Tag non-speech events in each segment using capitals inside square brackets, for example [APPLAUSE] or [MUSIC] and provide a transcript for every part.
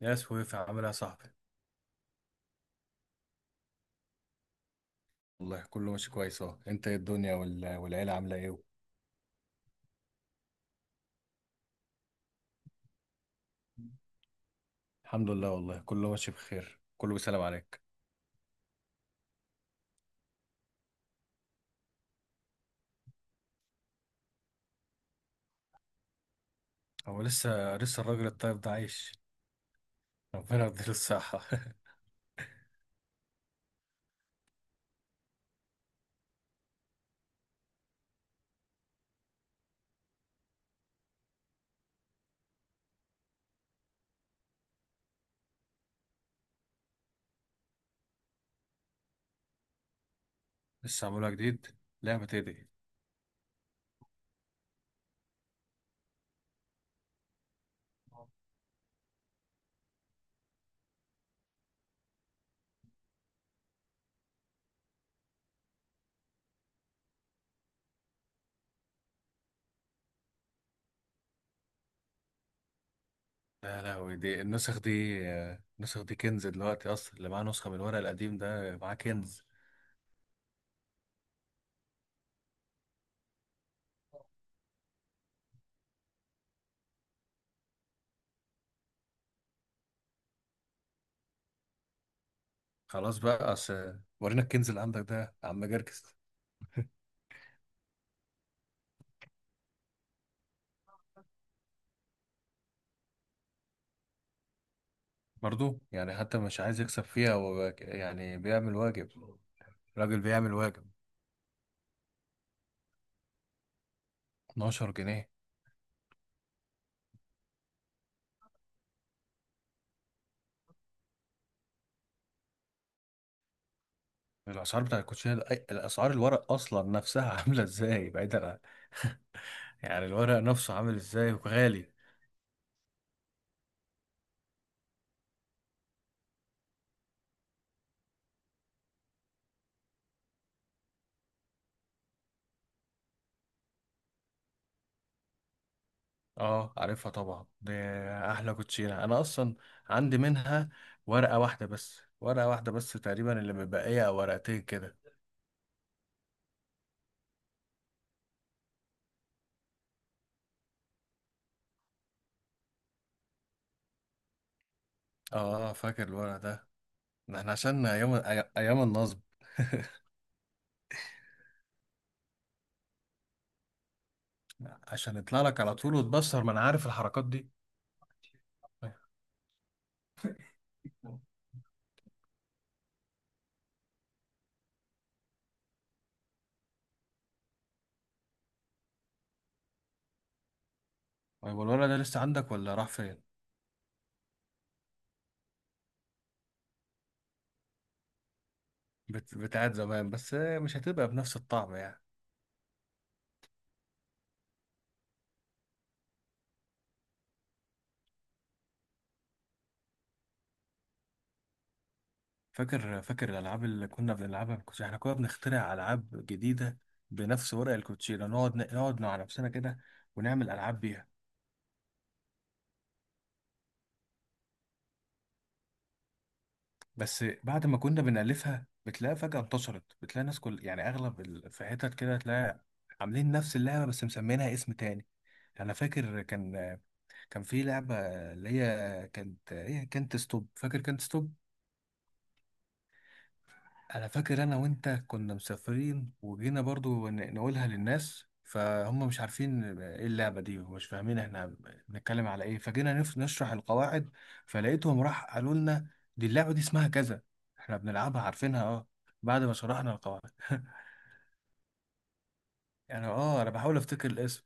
يا سويفي، عامل ايه يا صاحبي؟ والله كله ماشي كويس اهو. انت ايه الدنيا والعيلة عاملة ايه؟ الحمد لله، والله كله ماشي بخير، كله بيسلم عليك. هو لسه الراجل الطيب ده عايش؟ ربنا يديله الصحة. [LAUGHS] لسه عاملها جديد؟ لعبة ايه دي؟ لا لا، هو دي النسخ دي. النسخ دي كنز دلوقتي، اصلا اللي معاه نسخة من الورق القديم ده معاه كنز. خلاص بقى، اصل ورينا الكنز اللي عندك ده يا عم جركس. برضو يعني حتى مش عايز يكسب فيها، يعني بيعمل واجب. راجل بيعمل واجب. 12 جنيه؟ الاسعار بتاع الاسعار الورق اصلا نفسها [LAUGHS] عامله ازاي، بعيدا عن. يعني الورق نفسه عامل ازاي، وغالي. اه، عارفها طبعا دي. احلى كوتشينه، انا اصلا عندي منها ورقه واحده بس تقريبا اللي مبقيه او ورقتين كده. اه فاكر الورق ده. ده احنا عشان ايام النصب. [LAUGHS] عشان يطلع لك على طول وتبصر، ما انا عارف الحركات دي. طيب الورق ده لسه عندك ولا راح فين؟ بتاعت زمان، بس مش هتبقى بنفس الطعم يعني. فاكر الالعاب اللي كنا بنلعبها بالكوتشينه؟ احنا كنا بنخترع العاب جديده بنفس ورق الكوتشينه، نقعد مع نفسنا كده ونعمل العاب بيها. بس بعد ما كنا بنالفها بتلاقي فجاه انتشرت، بتلاقي ناس كل يعني في حتت كده تلاقي عاملين نفس اللعبه بس مسمينها اسم تاني. انا فاكر، كان في لعبه اللي هي كانت ستوب، فاكر كانت ستوب؟ انا فاكر انا وانت كنا مسافرين وجينا برضو نقولها للناس، فهم مش عارفين ايه اللعبة دي ومش فاهمين احنا بنتكلم على ايه، فجينا نشرح القواعد. فلقيتهم راح قالوا لنا: دي اللعبة دي اسمها كذا، احنا بنلعبها عارفينها، اه. بعد ما شرحنا القواعد. [LAUGHS] يعني اه، انا بحاول افتكر الاسم.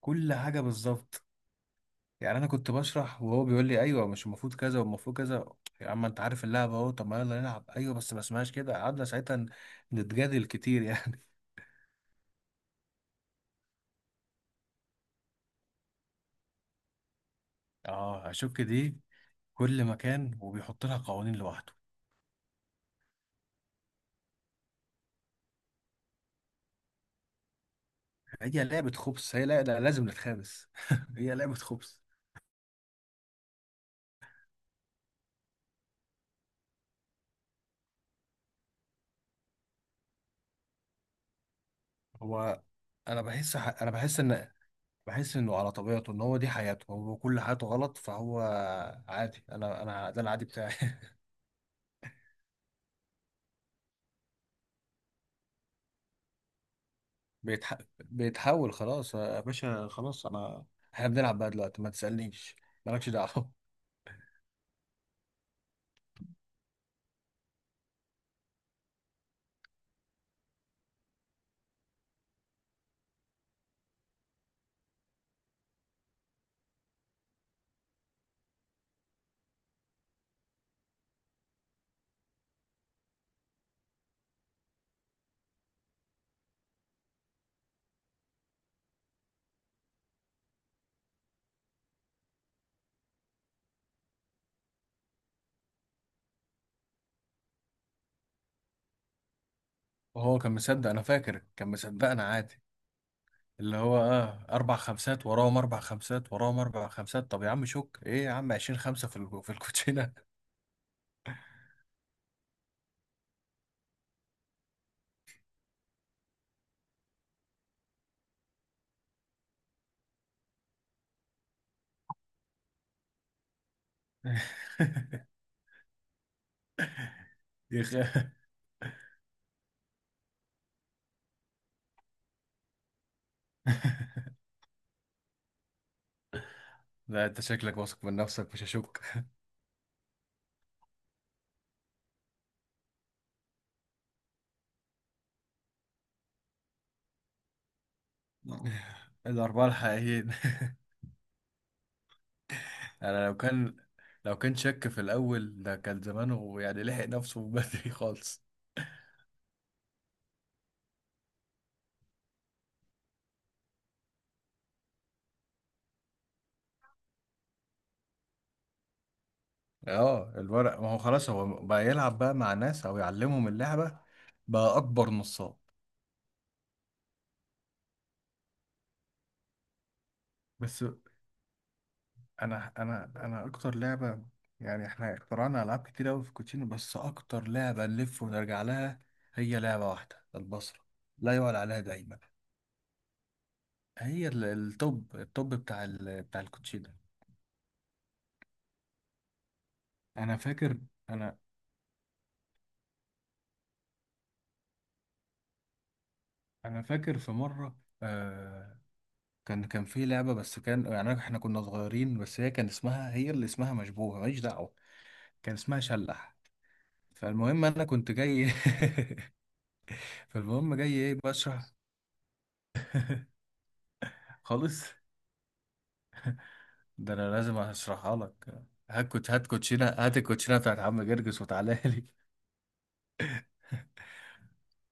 كل حاجة بالظبط. يعني انا كنت بشرح وهو بيقول لي: ايوه مش المفروض كذا والمفروض كذا. يا عم انت عارف اللعبة اهو، طب ما يلا نلعب، ايوه بس ما اسمهاش كده. قعدنا ساعتها نتجادل كتير يعني. اه، اشك دي. كل مكان وبيحط لها قوانين لوحده. هي لعبة خبص، هي لا لا لازم نتخابس. [LAUGHS] هي لعبة خبص. هو، انا بحس ان بحس انه على طبيعته ان هو دي حياته، هو كل حياته غلط، فهو عادي. انا ده العادي بتاعي. [LAUGHS] بيتحول خلاص، آه، يا باشا خلاص، انا احنا بنلعب بقى دلوقتي، ما تسألنيش، مالكش دعوة. [LAUGHS] وهو كان مصدق، انا فاكر كان مصدقنا عادي. اللي هو اه اربع خمسات وراهم اربع خمسات وراهم اربع خمسات، طب يا عم شك ايه يا عم، 20 خمسة في الكوتشينة. [LAUGHS] يخ... لا انت شكلك واثق من نفسك مش هشك. الاربعة الحقيقيين. [LAUGHS] انا لو كان شك في الاول ده كان زمانه يعني لحق نفسه من بدري خالص. اه، الورق ما هو خلاص، هو بقى يلعب بقى مع ناس او يعلمهم اللعبة، بقى اكبر نصاب. بس انا اكتر لعبه، يعني احنا اخترعنا العاب كتير قوي في كوتشينو، بس اكتر لعبه نلف ونرجع لها هي لعبه واحده، البصره لا يعلى عليها دايما. هي التوب بتاع الكوتشينو. انا فاكر، انا انا فاكر في مره، آه، كان في لعبه، بس كان يعني احنا كنا صغيرين، بس هي كان اسمها، هي اللي اسمها مشبوهه ماليش دعوه، كان اسمها شلح. فالمهم انا كنت جاي. [LAUGHS] فالمهم جاي ايه بشرح، خالص. ده انا لازم اشرحها لك. هات كوتشينه، هات الكوتشينه بتاعت عم جرجس وتعالى لي. [LAUGHS]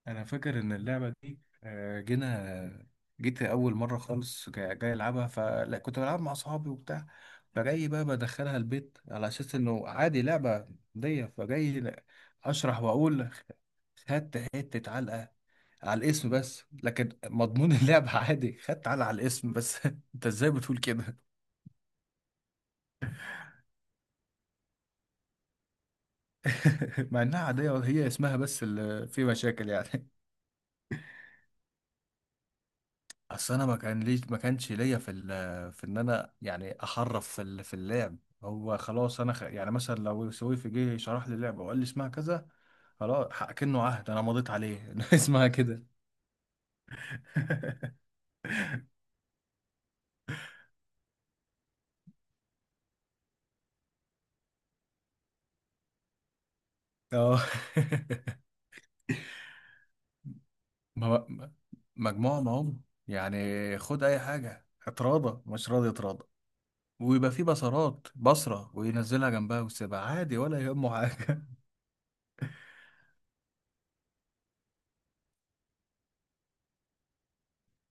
انا فاكر ان اللعبه دي آه، جينا، جيت اول مره خالص، جاي العبها فلا، كنت بلعب مع اصحابي وبتاع. فجاي بقى بدخلها البيت على اساس انه عادي لعبه دي، فجاي اشرح واقول. خدت حته علقه على الاسم، بس لكن مضمون اللعبه عادي، خدت علقه على الاسم بس. [LAUGHS] انت ازاي بتقول كده؟ [LAUGHS] مع انها عاديه، هي اسمها بس اللي فيه [LAUGHS] مشاكل يعني. اصل انا ما كان ليش ما كانش ليا في ان انا يعني احرف في اللعب. هو خلاص، يعني مثلا لو سويفي جه شرح لي اللعبه وقال لي اسمها كذا، خلاص، كأنه عهد انا مضيت عليه [LAUGHS] إنه اسمها كده. [LAUGHS] اه. [LAUGHS] ما- ما- مجموعه معهم. يعني خد اي حاجه، اتراضى مش راضي اتراضى. ويبقى في بصرات، بصرة وينزلها جنبها ويسيبها عادي ولا يهمه حاجة.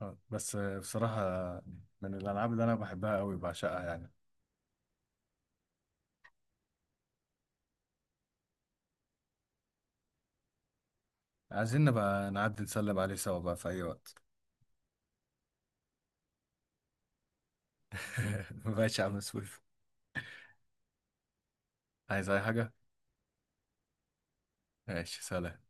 آه، بس آه، بصراحة من الألعاب اللي أنا بحبها أوي، بعشقها يعني. عايزين نبقى نعدي نسلم عليه سوا بقى في أي وقت. [LAUGHS] ماشي يا عم سويف. عايز أي حاجة؟ ماشي، سلام.